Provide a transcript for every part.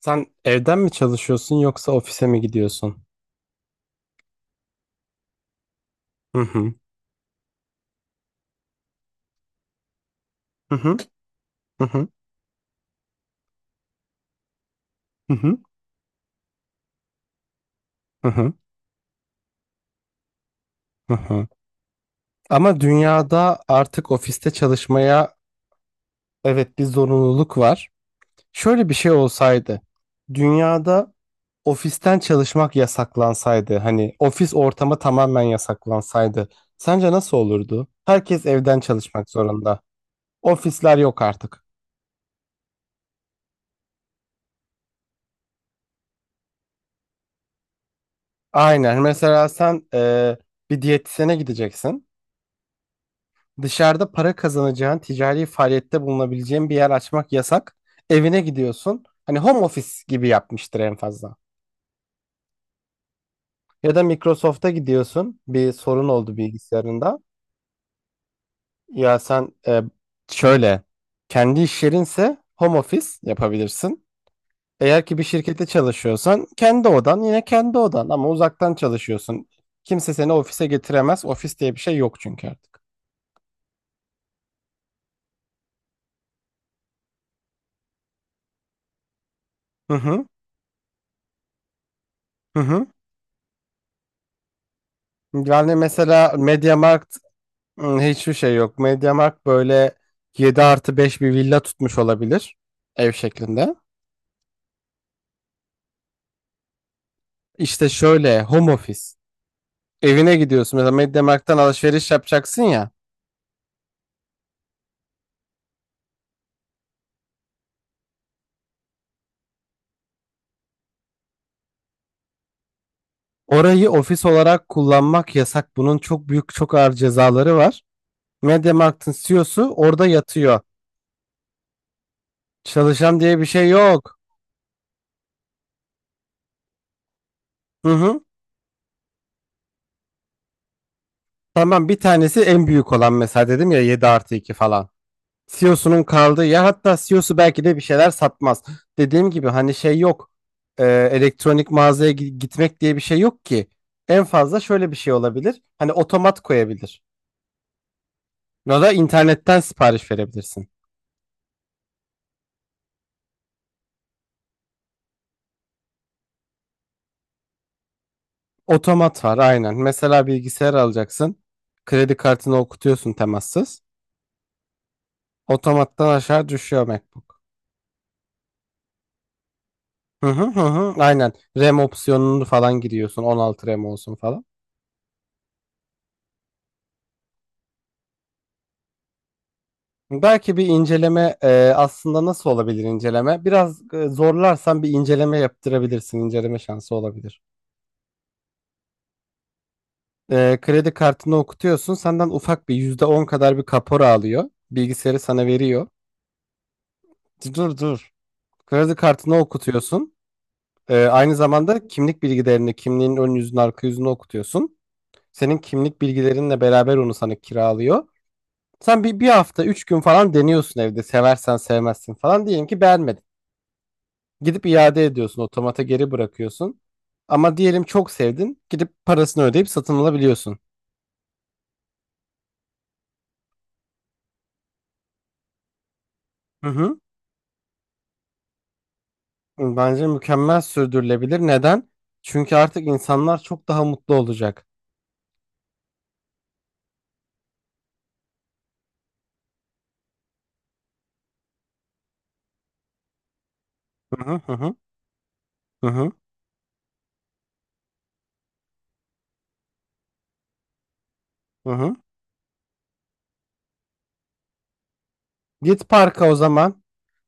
Sen evden mi çalışıyorsun yoksa ofise mi gidiyorsun? Hı hı. Hı hı. Hı hı. Hı hı. Hı hı. Hı hı. Ama dünyada artık ofiste çalışmaya evet bir zorunluluk var. Şöyle bir şey olsaydı. Dünyada ofisten çalışmak yasaklansaydı, hani ofis ortamı tamamen yasaklansaydı, sence nasıl olurdu? Herkes evden çalışmak zorunda. Ofisler yok artık. Aynen. Mesela sen bir diyetisyene gideceksin. Dışarıda para kazanacağın, ticari faaliyette bulunabileceğin bir yer açmak yasak. Evine gidiyorsun. Hani home office gibi yapmıştır en fazla. Ya da Microsoft'a gidiyorsun. Bir sorun oldu bilgisayarında. Ya sen şöyle kendi iş yerinse home office yapabilirsin. Eğer ki bir şirkette çalışıyorsan kendi odan yine kendi odan ama uzaktan çalışıyorsun. Kimse seni ofise getiremez. Ofis diye bir şey yok çünkü artık. Hı hı hı hı. Yani mesela MediaMarkt. Hiçbir şey yok. Mediamarkt böyle 7+5 bir villa tutmuş olabilir. Ev şeklinde. İşte şöyle home office. Evine gidiyorsun. Mesela Mediamarkt'tan alışveriş yapacaksın ya. Orayı ofis olarak kullanmak yasak. Bunun çok büyük, çok ağır cezaları var. Mediamarkt'ın CEO'su orada yatıyor. Çalışan diye bir şey yok. Hı hı. Tamam, bir tanesi en büyük olan, mesela dedim ya, 7+2 falan. CEO'sunun kaldığı yer, hatta CEO'su belki de bir şeyler satmaz. Dediğim gibi hani şey yok. Elektronik mağazaya gitmek diye bir şey yok ki. En fazla şöyle bir şey olabilir. Hani otomat koyabilir. Ya da internetten sipariş verebilirsin. Otomat var, aynen. Mesela bilgisayar alacaksın. Kredi kartını okutuyorsun, temassız. Otomattan aşağı düşüyor MacBook. Hı hı hı hı. Aynen. RAM opsiyonunu falan giriyorsun. 16 RAM olsun falan. Belki bir inceleme, aslında nasıl olabilir inceleme? Biraz zorlarsan bir inceleme yaptırabilirsin. İnceleme şansı olabilir. Kredi kartını okutuyorsun. Senden ufak bir %10 kadar bir kapora alıyor. Bilgisayarı sana veriyor. Dur, dur. Kredi kartını okutuyorsun. Aynı zamanda kimlik bilgilerini, kimliğin ön yüzünü, arka yüzünü okutuyorsun. Senin kimlik bilgilerinle beraber onu sana kiralıyor. Sen bir hafta, üç gün falan deniyorsun evde. Seversen sevmezsin falan. Diyelim ki beğenmedin. Gidip iade ediyorsun, otomata geri bırakıyorsun. Ama diyelim çok sevdin, gidip parasını ödeyip satın alabiliyorsun. Hı hı. Bence mükemmel sürdürülebilir. Neden? Çünkü artık insanlar çok daha mutlu olacak. Hı hı hı hı hı hı. Hı hı. Git parka o zaman.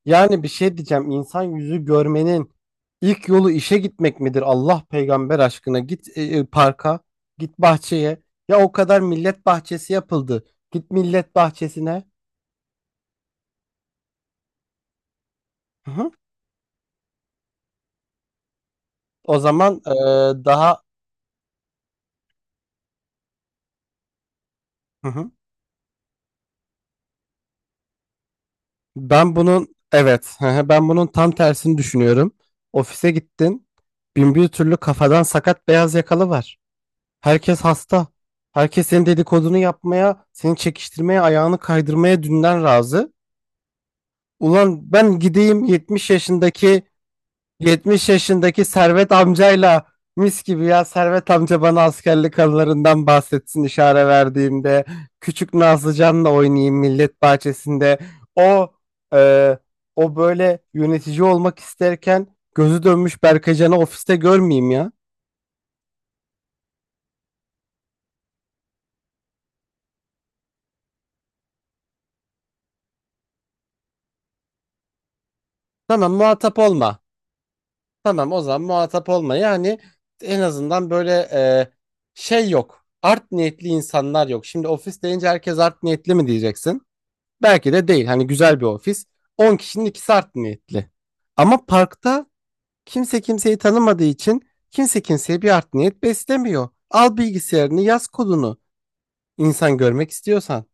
Yani bir şey diyeceğim. İnsan yüzü görmenin ilk yolu işe gitmek midir? Allah peygamber aşkına git parka, git bahçeye. Ya o kadar millet bahçesi yapıldı. Git millet bahçesine. Hı hı. O zaman daha... Hı hı. ben bunun Evet, hı hı, ben bunun tam tersini düşünüyorum. Ofise gittin. Bin bir türlü kafadan sakat beyaz yakalı var. Herkes hasta. Herkes senin dedikodunu yapmaya, seni çekiştirmeye, ayağını kaydırmaya dünden razı. Ulan ben gideyim 70 yaşındaki Servet amcayla, mis gibi, ya Servet amca bana askerlik anılarından bahsetsin, işare verdiğimde küçük Nazlıcan'la oynayayım millet bahçesinde, o e, o böyle yönetici olmak isterken gözü dönmüş Berkacan'ı ofiste görmeyeyim ya. tamam muhatap olma tamam, o zaman muhatap olma, yani en azından böyle şey yok, art niyetli insanlar yok. Şimdi ofis deyince herkes art niyetli mi diyeceksin? Belki de değil. Hani güzel bir ofis. On kişinin ikisi art niyetli. Ama parkta kimse kimseyi tanımadığı için kimse kimseye bir art niyet beslemiyor. Al bilgisayarını, yaz kodunu. İnsan görmek istiyorsan.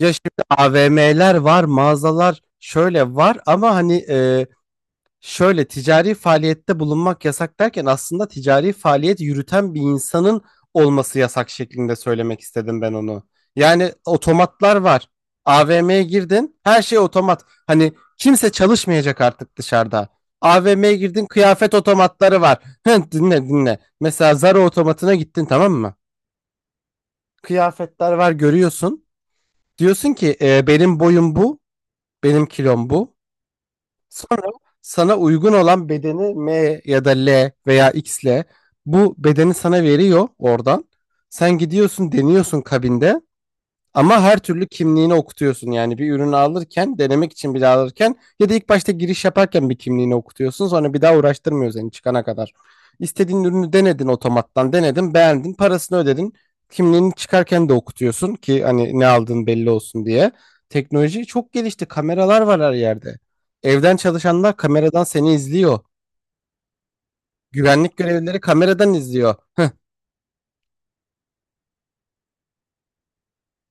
Ya şimdi AVM'ler var, mağazalar şöyle var ama hani şöyle ticari faaliyette bulunmak yasak derken aslında ticari faaliyet yürüten bir insanın olması yasak şeklinde söylemek istedim ben onu. Yani otomatlar var. AVM'ye girdin, her şey otomat. Hani kimse çalışmayacak artık dışarıda. AVM'ye girdin, kıyafet otomatları var. Dinle, dinle. Mesela Zara otomatına gittin, tamam mı? Kıyafetler var, görüyorsun. Diyorsun ki: Benim boyum bu, benim kilom bu." Sonra sana uygun olan bedeni, M ya da L veya X ile, bu bedeni sana veriyor oradan. Sen gidiyorsun, deniyorsun kabinde. Ama her türlü kimliğini okutuyorsun, yani bir ürünü alırken, denemek için bile alırken ya da ilk başta giriş yaparken bir kimliğini okutuyorsun. Sonra bir daha uğraştırmıyor seni çıkana kadar. İstediğin ürünü denedin otomattan, denedin, beğendin, parasını ödedin. Kimliğini çıkarken de okutuyorsun ki hani ne aldığın belli olsun diye. Teknoloji çok gelişti. Kameralar var her yerde. Evden çalışanlar kameradan seni izliyor. Güvenlik görevlileri kameradan izliyor.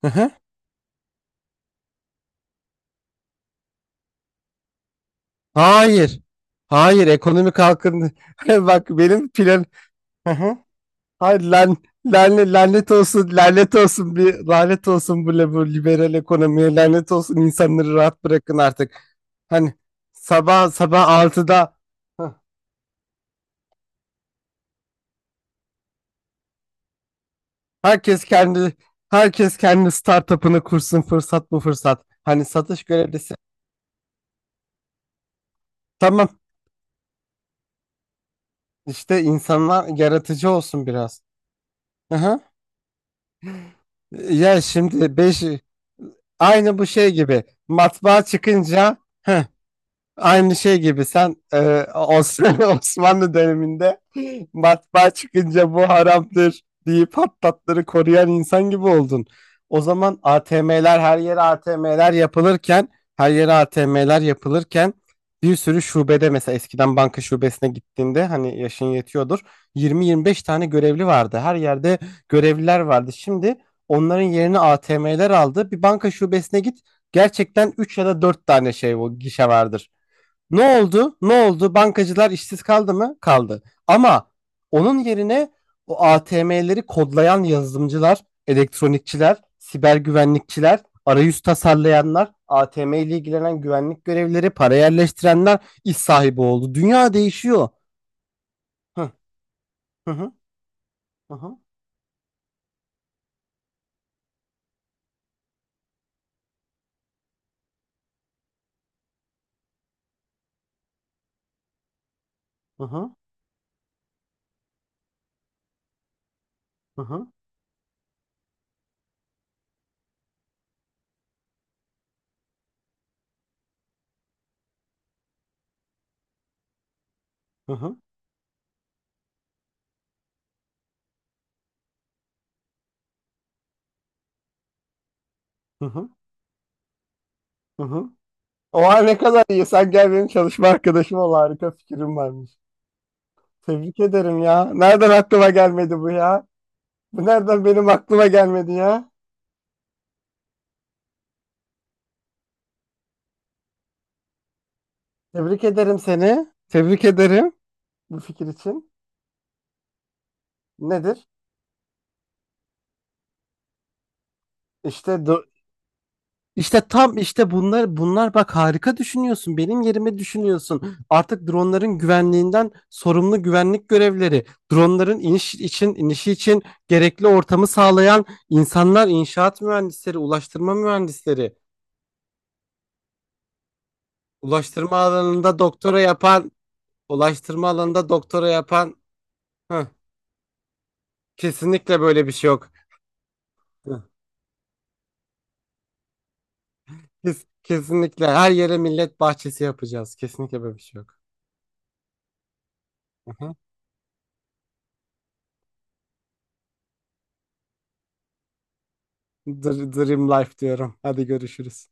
Hı hı. Hayır. Hayır, ekonomik halkın... Bak benim plan... Hayır lan, lanet olsun, lanet olsun, bir lanet olsun bu, bu liberal ekonomiye, lanet olsun, insanları rahat bırakın artık. Hani sabah sabah 6'da, hah, herkes kendi herkes kendi startup'ını kursun, fırsat bu fırsat. Hani satış görevlisi. Tamam, işte insanlar yaratıcı olsun biraz. Aha. Ya şimdi 5... aynı bu şey gibi matbaa çıkınca... Aynı şey gibi sen Osmanlı döneminde matbaa çıkınca "bu haramdır" deyip hattatları koruyan insan gibi oldun. O zaman ATM'ler, her yere ATM'ler yapılırken, her yere ATM'ler yapılırken bir sürü şubede, mesela eskiden banka şubesine gittiğinde, hani yaşın yetiyordur, 20-25 tane görevli vardı. Her yerde görevliler vardı. Şimdi onların yerini ATM'ler aldı. Bir banka şubesine git, gerçekten 3 ya da 4 tane şey, o gişe vardır. Ne oldu? Ne oldu? Bankacılar işsiz kaldı mı? Kaldı. Ama onun yerine o ATM'leri kodlayan yazılımcılar, elektronikçiler, siber güvenlikçiler, arayüz tasarlayanlar, ATM ile ilgilenen güvenlik görevlileri, para yerleştirenler iş sahibi oldu. Dünya değişiyor. Hı hı hı hı hı hı hı hı hı hı hı. Oha, ne kadar iyi. Sen gel benim çalışma arkadaşım ol. Harika fikrim varmış. Tebrik ederim ya. Nereden aklıma gelmedi bu ya? Bu nereden benim aklıma gelmedi ya? Tebrik ederim seni. Tebrik ederim bu fikir için. Nedir? İşte do- işte tam işte bunlar bunlar, bak harika düşünüyorsun. Benim yerime düşünüyorsun. Artık dronların güvenliğinden sorumlu güvenlik görevleri, dronların inişi için gerekli ortamı sağlayan insanlar, inşaat mühendisleri, ulaştırma mühendisleri, ulaştırma alanında doktora yapan, ulaştırma alanında doktora yapan... Heh, kesinlikle böyle bir şey yok. Kesinlikle her yere millet bahçesi yapacağız. Kesinlikle böyle bir şey yok. Aha. Dream life diyorum. Hadi görüşürüz.